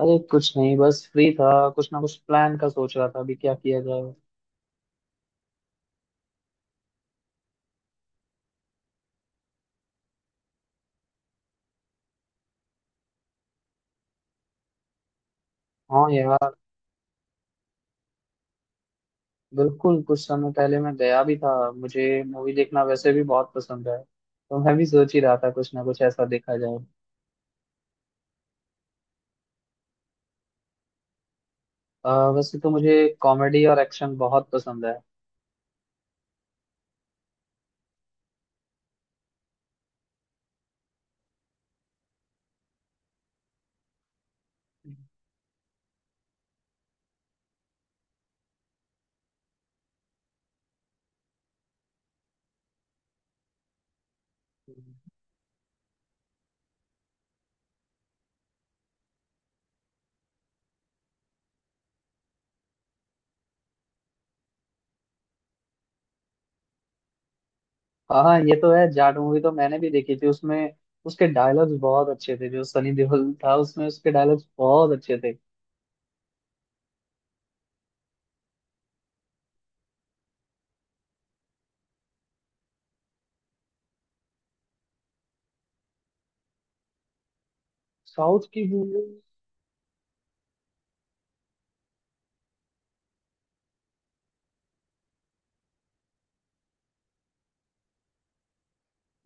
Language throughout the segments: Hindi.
अरे कुछ नहीं, बस फ्री था। कुछ ना कुछ प्लान का सोच रहा था अभी क्या किया जाए। हाँ यार, बिल्कुल। कुछ समय पहले मैं गया भी था। मुझे मूवी देखना वैसे भी बहुत पसंद है, तो मैं भी सोच ही रहा था कुछ ना कुछ ऐसा देखा जाए। वैसे तो मुझे कॉमेडी और एक्शन बहुत पसंद है। हाँ हाँ, ये तो है। जाट मूवी तो मैंने भी देखी थी। उसमें उसके डायलॉग्स बहुत अच्छे थे। जो सनी देओल था उसमें, उसके डायलॉग्स बहुत अच्छे थे। साउथ की मूवी।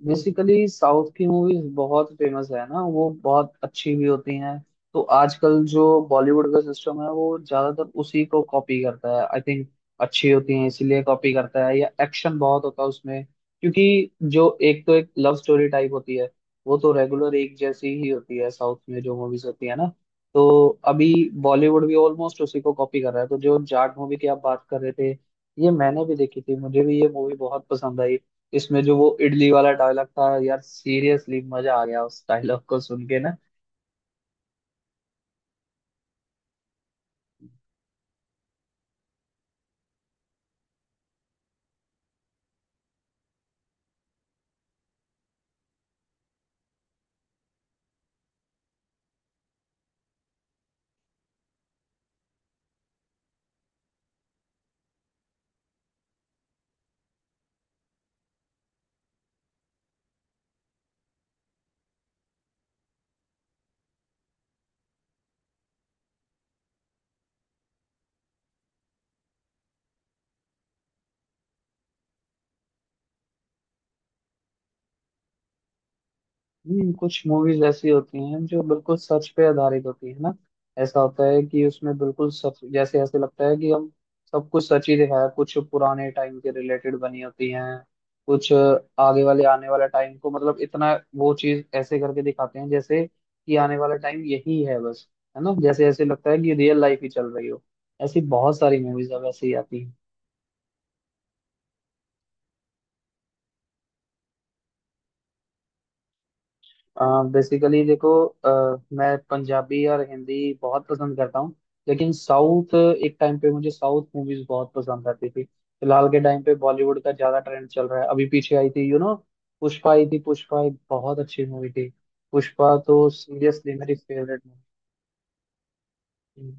बेसिकली साउथ की मूवीज बहुत फेमस है ना, वो बहुत अच्छी भी होती हैं। तो आजकल जो बॉलीवुड का सिस्टम है वो ज्यादातर उसी को कॉपी करता है, आई थिंक। अच्छी होती हैं इसीलिए कॉपी करता है, या एक्शन बहुत होता है उसमें। क्योंकि जो एक तो एक लव स्टोरी टाइप होती है, वो तो रेगुलर एक जैसी ही होती है साउथ में जो मूवीज होती है ना। तो अभी बॉलीवुड भी ऑलमोस्ट उसी को कॉपी कर रहा है। तो जो जाट मूवी की आप बात कर रहे थे, ये मैंने भी देखी थी। मुझे भी ये मूवी बहुत पसंद आई। इसमें जो वो इडली वाला डायलॉग था यार, सीरियसली मजा आ गया उस डायलॉग को सुन के ना। कुछ मूवीज ऐसी होती हैं जो बिल्कुल सच पे आधारित होती है ना। ऐसा होता है कि उसमें बिल्कुल सच जैसे, ऐसे लगता है कि हम सब कुछ सच ही दिखाया। कुछ पुराने टाइम के रिलेटेड बनी होती हैं, कुछ आगे वाले आने वाला टाइम को, मतलब इतना वो चीज ऐसे करके दिखाते हैं जैसे कि आने वाला टाइम यही है बस। है ना, जैसे ऐसे लगता है कि रियल लाइफ ही चल रही हो। ऐसी बहुत सारी मूवीज अब ऐसे ही आती हैं। बेसिकली देखो, मैं पंजाबी और हिंदी बहुत पसंद करता हूँ। लेकिन साउथ, एक टाइम पे मुझे साउथ मूवीज बहुत पसंद आती थी। फिलहाल के टाइम पे बॉलीवुड का ज्यादा ट्रेंड चल रहा है। अभी पीछे आई थी यू नो, पुष्पा आई थी। पुष्पा एक बहुत अच्छी मूवी थी। पुष्पा तो सीरियसली मेरी फेवरेट मूवी।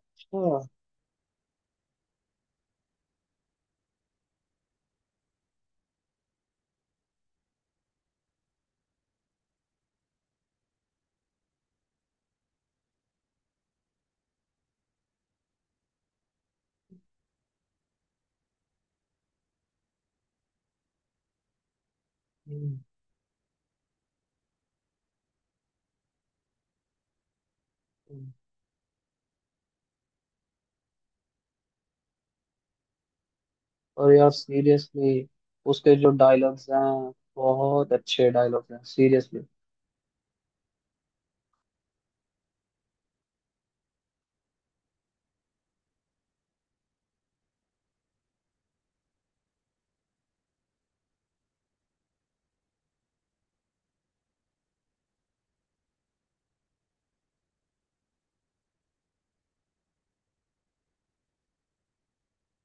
अच्छा। हम्म। हम्म। और यार सीरियसली, उसके जो डायलॉग्स हैं, बहुत अच्छे डायलॉग्स हैं सीरियसली।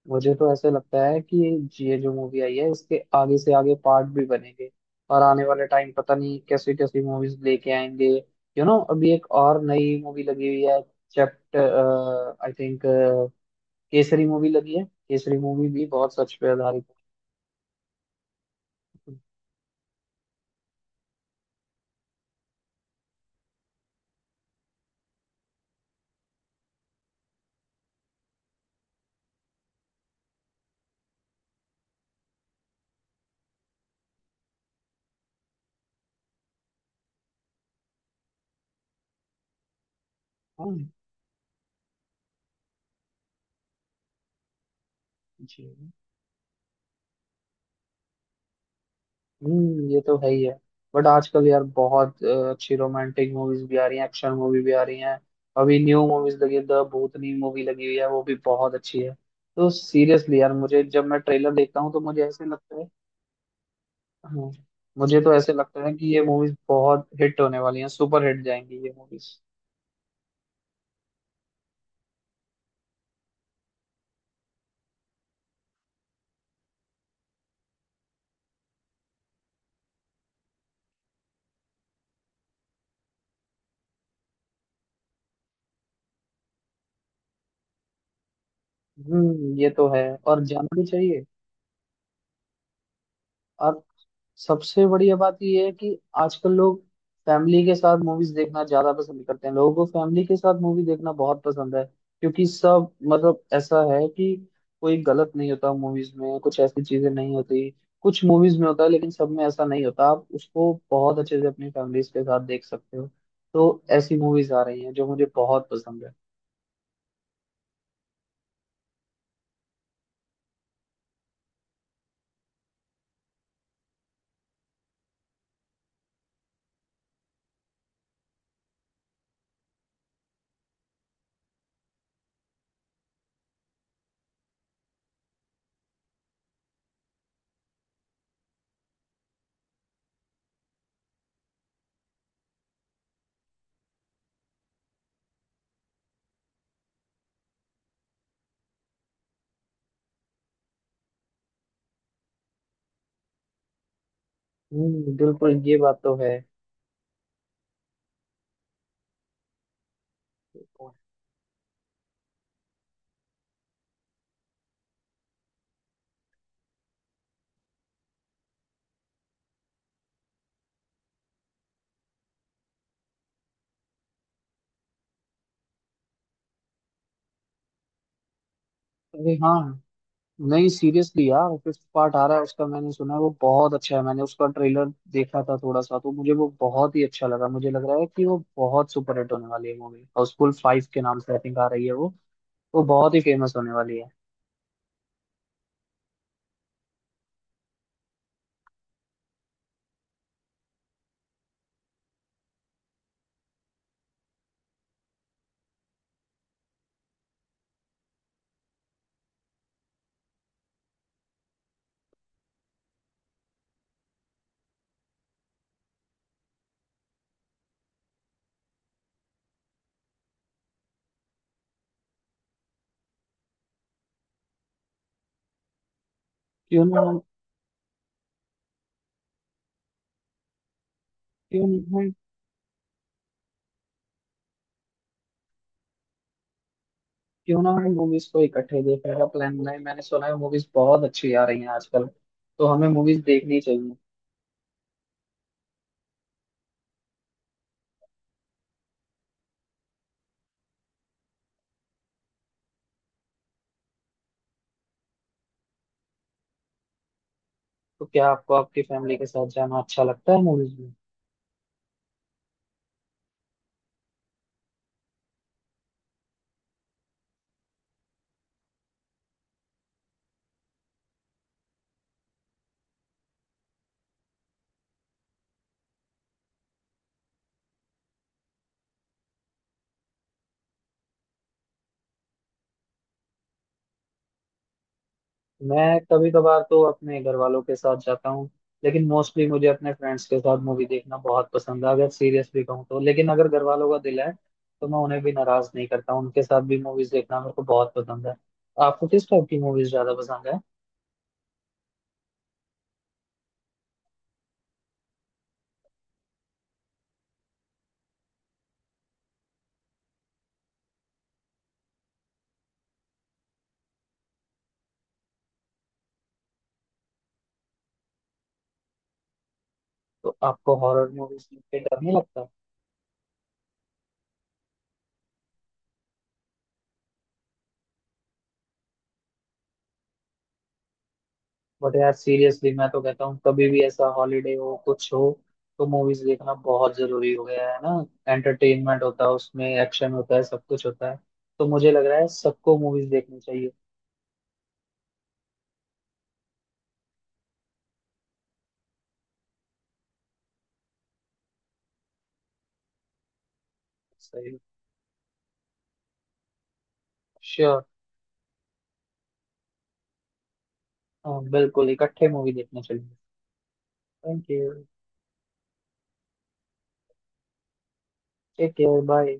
मुझे तो ऐसे लगता है कि ये जो मूवी आई है इसके आगे से आगे पार्ट भी बनेंगे, और आने वाले टाइम पता नहीं कैसी कैसी मूवीज लेके आएंगे। यू नो, अभी एक और नई मूवी लगी हुई है, chapter I think. Kesari movie लगी है, केसरी मूवी भी बहुत सच पे आधारित है। हाँ जी। ये तो है ही है। बट आजकल यार बहुत अच्छी रोमांटिक मूवीज भी आ रही हैं, एक्शन मूवी भी आ रही हैं। अभी न्यू मूवीज लगी है, द भूतनी मूवी लगी हुई है, वो भी बहुत अच्छी है। तो सीरियसली यार, मुझे जब मैं ट्रेलर देखता हूँ तो मुझे ऐसे लगता है, हाँ, मुझे तो ऐसे लगता है कि ये मूवीज बहुत हिट होने वाली हैं। सुपर हिट जाएंगी ये मूवीज। ये तो है। और जाना भी चाहिए। और सबसे बढ़िया बात यह है कि आजकल लोग फैमिली के साथ मूवीज देखना ज्यादा पसंद करते हैं। लोगों को फैमिली के साथ मूवी देखना बहुत पसंद है, क्योंकि सब मतलब ऐसा है कि कोई गलत नहीं होता मूवीज में, कुछ ऐसी चीजें नहीं होती। कुछ मूवीज में होता है, लेकिन सब में ऐसा नहीं होता। आप उसको बहुत अच्छे से अपनी फैमिलीज के साथ देख सकते हो। तो ऐसी मूवीज आ रही हैं जो मुझे बहुत पसंद है। बिल्कुल, ये बात तो है। अरे हाँ, नहीं सीरियसली यार, फिफ्थ पार्ट आ रहा है उसका, मैंने सुना है वो बहुत अच्छा है। मैंने उसका ट्रेलर देखा था थोड़ा सा, तो मुझे वो बहुत ही अच्छा लगा। मुझे लग रहा है कि वो बहुत सुपर हिट होने वाली है मूवी। हाउसफुल फाइव के नाम से आई थिंक आ रही है वो। वो बहुत ही फेमस होने वाली है। क्यों ना हम क्यों ना हम क्यों ना हम मूवीज को इकट्ठे देखने का प्लान बनाए। मैंने सुना है मूवीज बहुत अच्छी आ रही हैं आजकल, तो हमें मूवीज देखनी चाहिए। तो क्या आपको आपकी फैमिली के साथ जाना अच्छा लगता है मूवीज? मैं कभी कभार तो अपने घर वालों के साथ जाता हूँ, लेकिन मोस्टली मुझे अपने फ्रेंड्स के साथ मूवी देखना बहुत पसंद है, अगर सीरियसली कहूँ तो। लेकिन अगर घर वालों का दिल है तो मैं उन्हें भी नाराज नहीं करता हूँ। उनके साथ भी मूवीज देखना मेरे को बहुत पसंद है। आपको किस टाइप की मूवीज ज्यादा पसंद है? तो आपको हॉरर मूवीज देख के डर नहीं लगता? बट यार सीरियसली, मैं तो कहता हूँ कभी भी ऐसा हॉलीडे हो, कुछ हो, तो मूवीज देखना बहुत जरूरी हो गया है ना। एंटरटेनमेंट होता है, उसमें एक्शन होता है, सब कुछ होता है। तो मुझे लग रहा है सबको मूवीज देखनी चाहिए। सही। श्योर। बिल्कुल, इकट्ठे मूवी देखने चलेंगे। Thank you. Take care, bye.